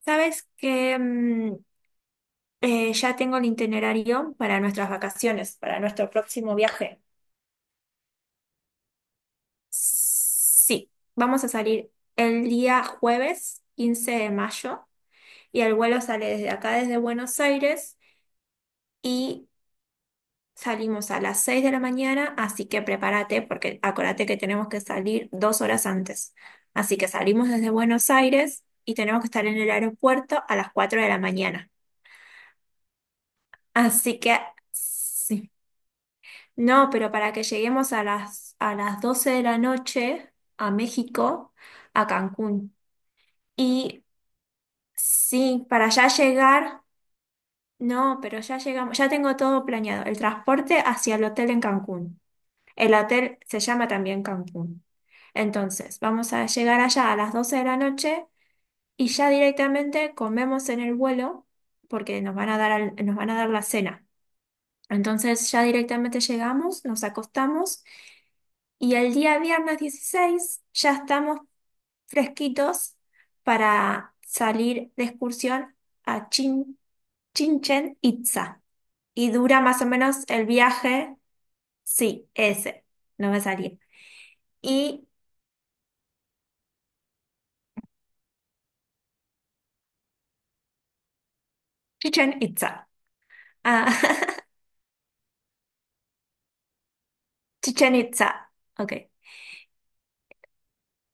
Sabes que ya tengo el itinerario para nuestras vacaciones, para nuestro próximo viaje. Sí, vamos a salir el día jueves 15 de mayo, y el vuelo sale desde acá, desde Buenos Aires, y salimos a las 6 de la mañana, así que prepárate, porque acuérdate que tenemos que salir 2 horas antes. Así que salimos desde Buenos Aires y tenemos que estar en el aeropuerto a las 4 de la mañana. Así que, sí. No, pero para que lleguemos a las 12 de la noche a México, a Cancún. Y sí, para ya llegar, no, pero ya llegamos, ya tengo todo planeado. El transporte hacia el hotel en Cancún. El hotel se llama también Cancún. Entonces, vamos a llegar allá a las 12 de la noche, y ya directamente comemos en el vuelo porque nos van a dar, nos van a dar la cena. Entonces, ya directamente llegamos, nos acostamos. Y el día viernes 16 ya estamos fresquitos para salir de excursión a Chichen Itza. Y dura más o menos el viaje, sí, ese, no me salía. Y Chichen Itza. Ah, Chichen Itza, ok.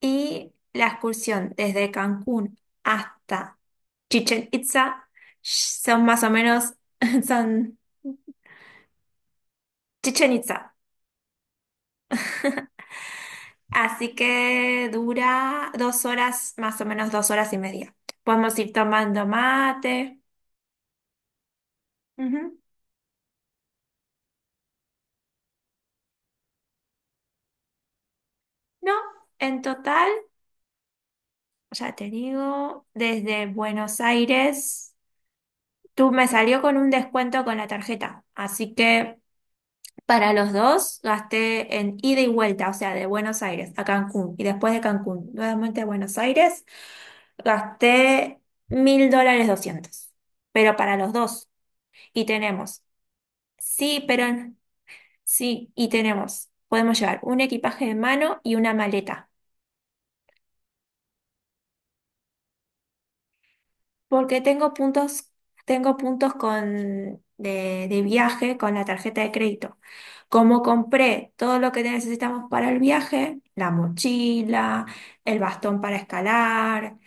Y la excursión desde Cancún hasta Chichen Itza son más o menos, son Chichen Itza. Así que dura 2 horas, más o menos 2 horas y media. Podemos ir tomando mate. Ujú. No, en total, ya te digo, desde Buenos Aires, tú me salió con un descuento con la tarjeta. Así que para los dos gasté en ida y vuelta, o sea, de Buenos Aires a Cancún y después de Cancún, nuevamente a Buenos Aires, gasté 1.200 dólares. Pero para los dos. Y tenemos, sí, pero. Sí, y tenemos, podemos llevar un equipaje de mano y una maleta, porque tengo puntos de viaje con la tarjeta de crédito. Como compré todo lo que necesitamos para el viaje, la mochila, el bastón para escalar,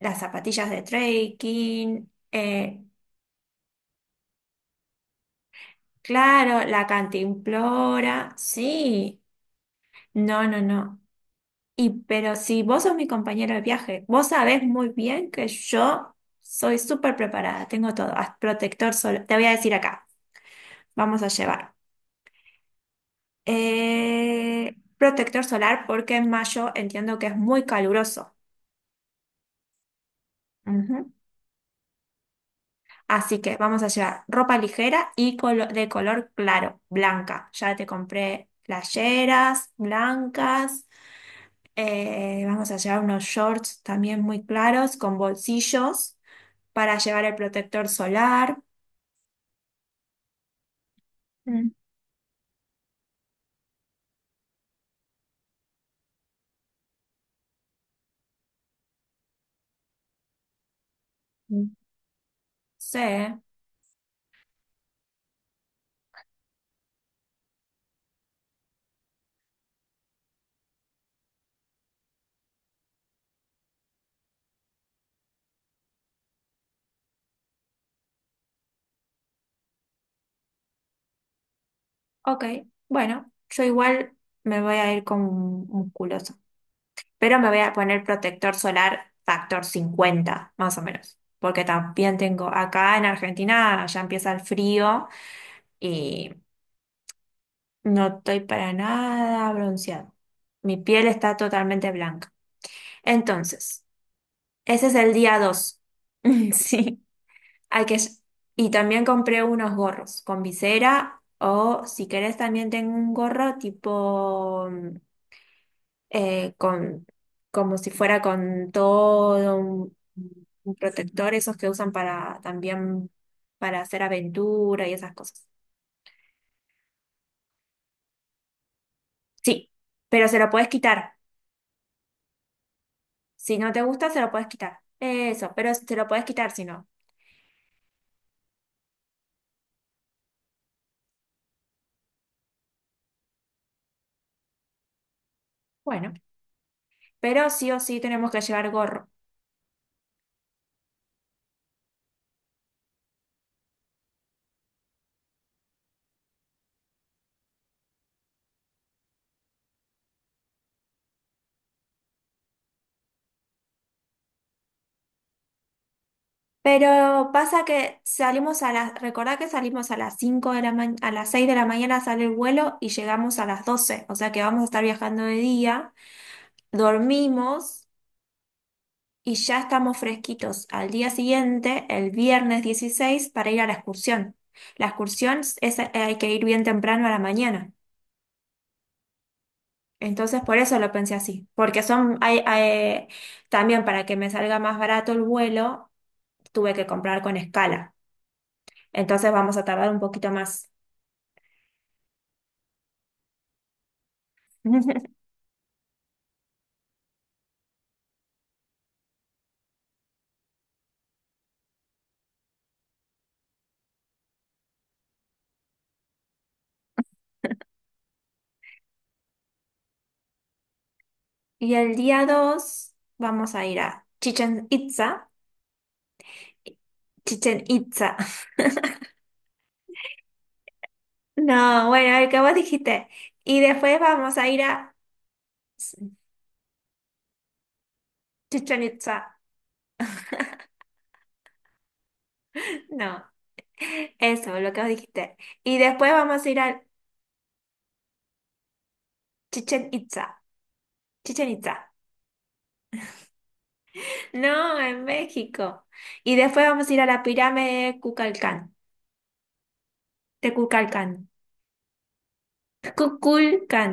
las zapatillas de trekking, claro, la cantimplora, sí, no, no, no. Y pero si vos sos mi compañero de viaje, vos sabés muy bien que yo soy súper preparada, tengo todo, protector solar, te voy a decir acá, vamos a llevar. Protector solar porque en mayo entiendo que es muy caluroso. Ujú. Así que vamos a llevar ropa ligera y de color claro, blanca. Ya te compré playeras blancas, vamos a llevar unos shorts también muy claros con bolsillos para llevar el protector solar. Mm. Mm. Sí, ok. Bueno, yo igual me voy a ir con musculoso, pero me voy a poner protector solar factor 50, más o menos, porque también tengo acá en Argentina, ya empieza el frío, y no estoy para nada bronceado. Mi piel está totalmente blanca. Entonces, ese es el día 2. Sí. Hay que. Y también compré unos gorros con visera, o si querés también tengo un gorro tipo, con como si fuera con todo un protector, esos que usan para también para hacer aventura y esas cosas. Sí, pero se lo puedes quitar. Si no te gusta, se lo puedes quitar. Eso, pero se lo puedes quitar si no. Bueno, pero sí o sí tenemos que llevar gorro. Pero pasa que salimos a recordá que salimos a las 5 de la ma- a las 6 de la mañana sale el vuelo, y llegamos a las 12, o sea que vamos a estar viajando de día, dormimos, y ya estamos fresquitos al día siguiente, el viernes 16, para ir a la excursión. La excursión hay que ir bien temprano a la mañana. Entonces por eso lo pensé así, porque también para que me salga más barato el vuelo, tuve que comprar con escala. Entonces vamos a tardar un poquito más. Y el día 2 vamos a ir a Chichen Itza. Chichen Itza. No, bueno, el que vos dijiste. Y después vamos a ir a Chichen Itza. No, eso, lo que vos dijiste. Y después vamos a ir a Chichen Itza. Chichen Itza. No, en México. Y después vamos a ir a la pirámide de Kukulcán. De Kukulcán. Kukulcán.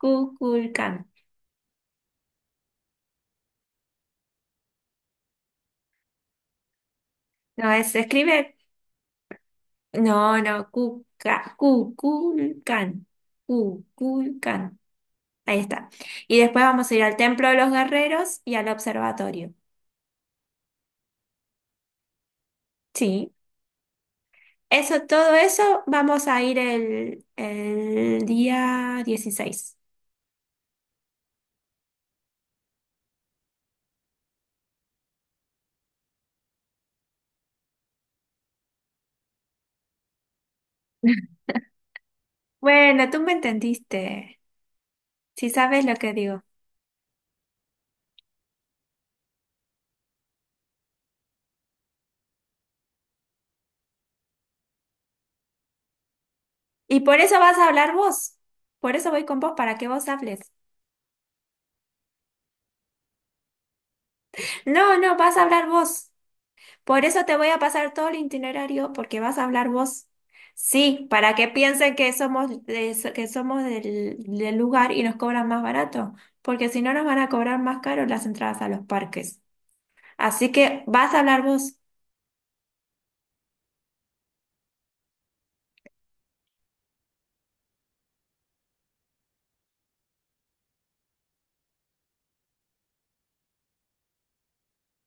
Kukulcán. No, se escribe, no, no, Cuculcán, Cuculcán. Ahí está. Y después vamos a ir al Templo de los Guerreros y al observatorio. Sí. Eso, todo eso vamos a ir el día 16. Bueno, tú me entendiste, si sabes lo que digo. Y por eso vas a hablar vos. Por eso voy con vos, para que vos hables. No, no, vas a hablar vos. Por eso te voy a pasar todo el itinerario, porque vas a hablar vos. Sí, para que piensen que somos, que somos del lugar y nos cobran más barato, porque si no nos van a cobrar más caro las entradas a los parques. Así que vas a hablar vos.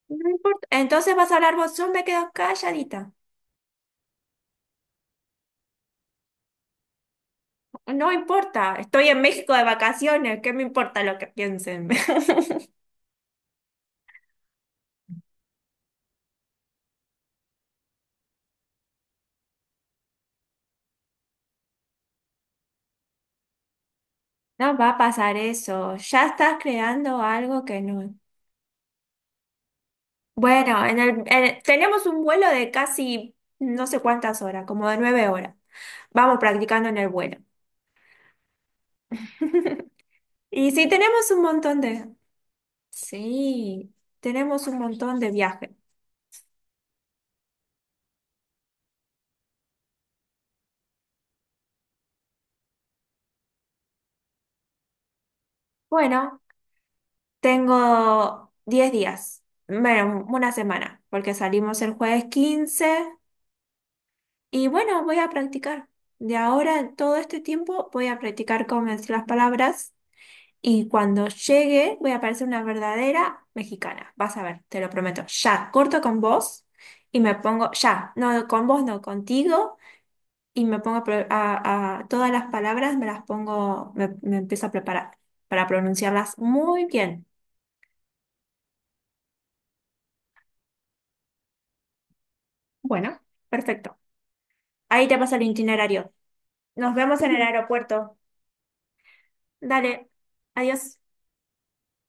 No importa. Entonces vas a hablar vos, yo me quedo calladita. No importa, estoy en México de vacaciones, ¿qué me importa lo que piensen? No va a pasar eso. Ya estás creando algo que no. Bueno, tenemos un vuelo de casi no sé cuántas horas, como de 9 horas. Vamos practicando en el vuelo. Y sí, tenemos un montón de. Sí, tenemos un montón de viajes. Bueno, tengo 10 días, bueno, una semana, porque salimos el jueves 15, y bueno, voy a practicar. De ahora, todo este tiempo, voy a practicar cómo decir las palabras. Y cuando llegue, voy a parecer una verdadera mexicana. Vas a ver, te lo prometo. Ya, corto con vos y me pongo, ya, no con vos, no contigo, y me pongo a, todas las palabras, me las pongo, me empiezo a preparar para pronunciarlas muy bien. Bueno, perfecto. Ahí te pasa el itinerario. Nos vemos en el aeropuerto. Dale, adiós.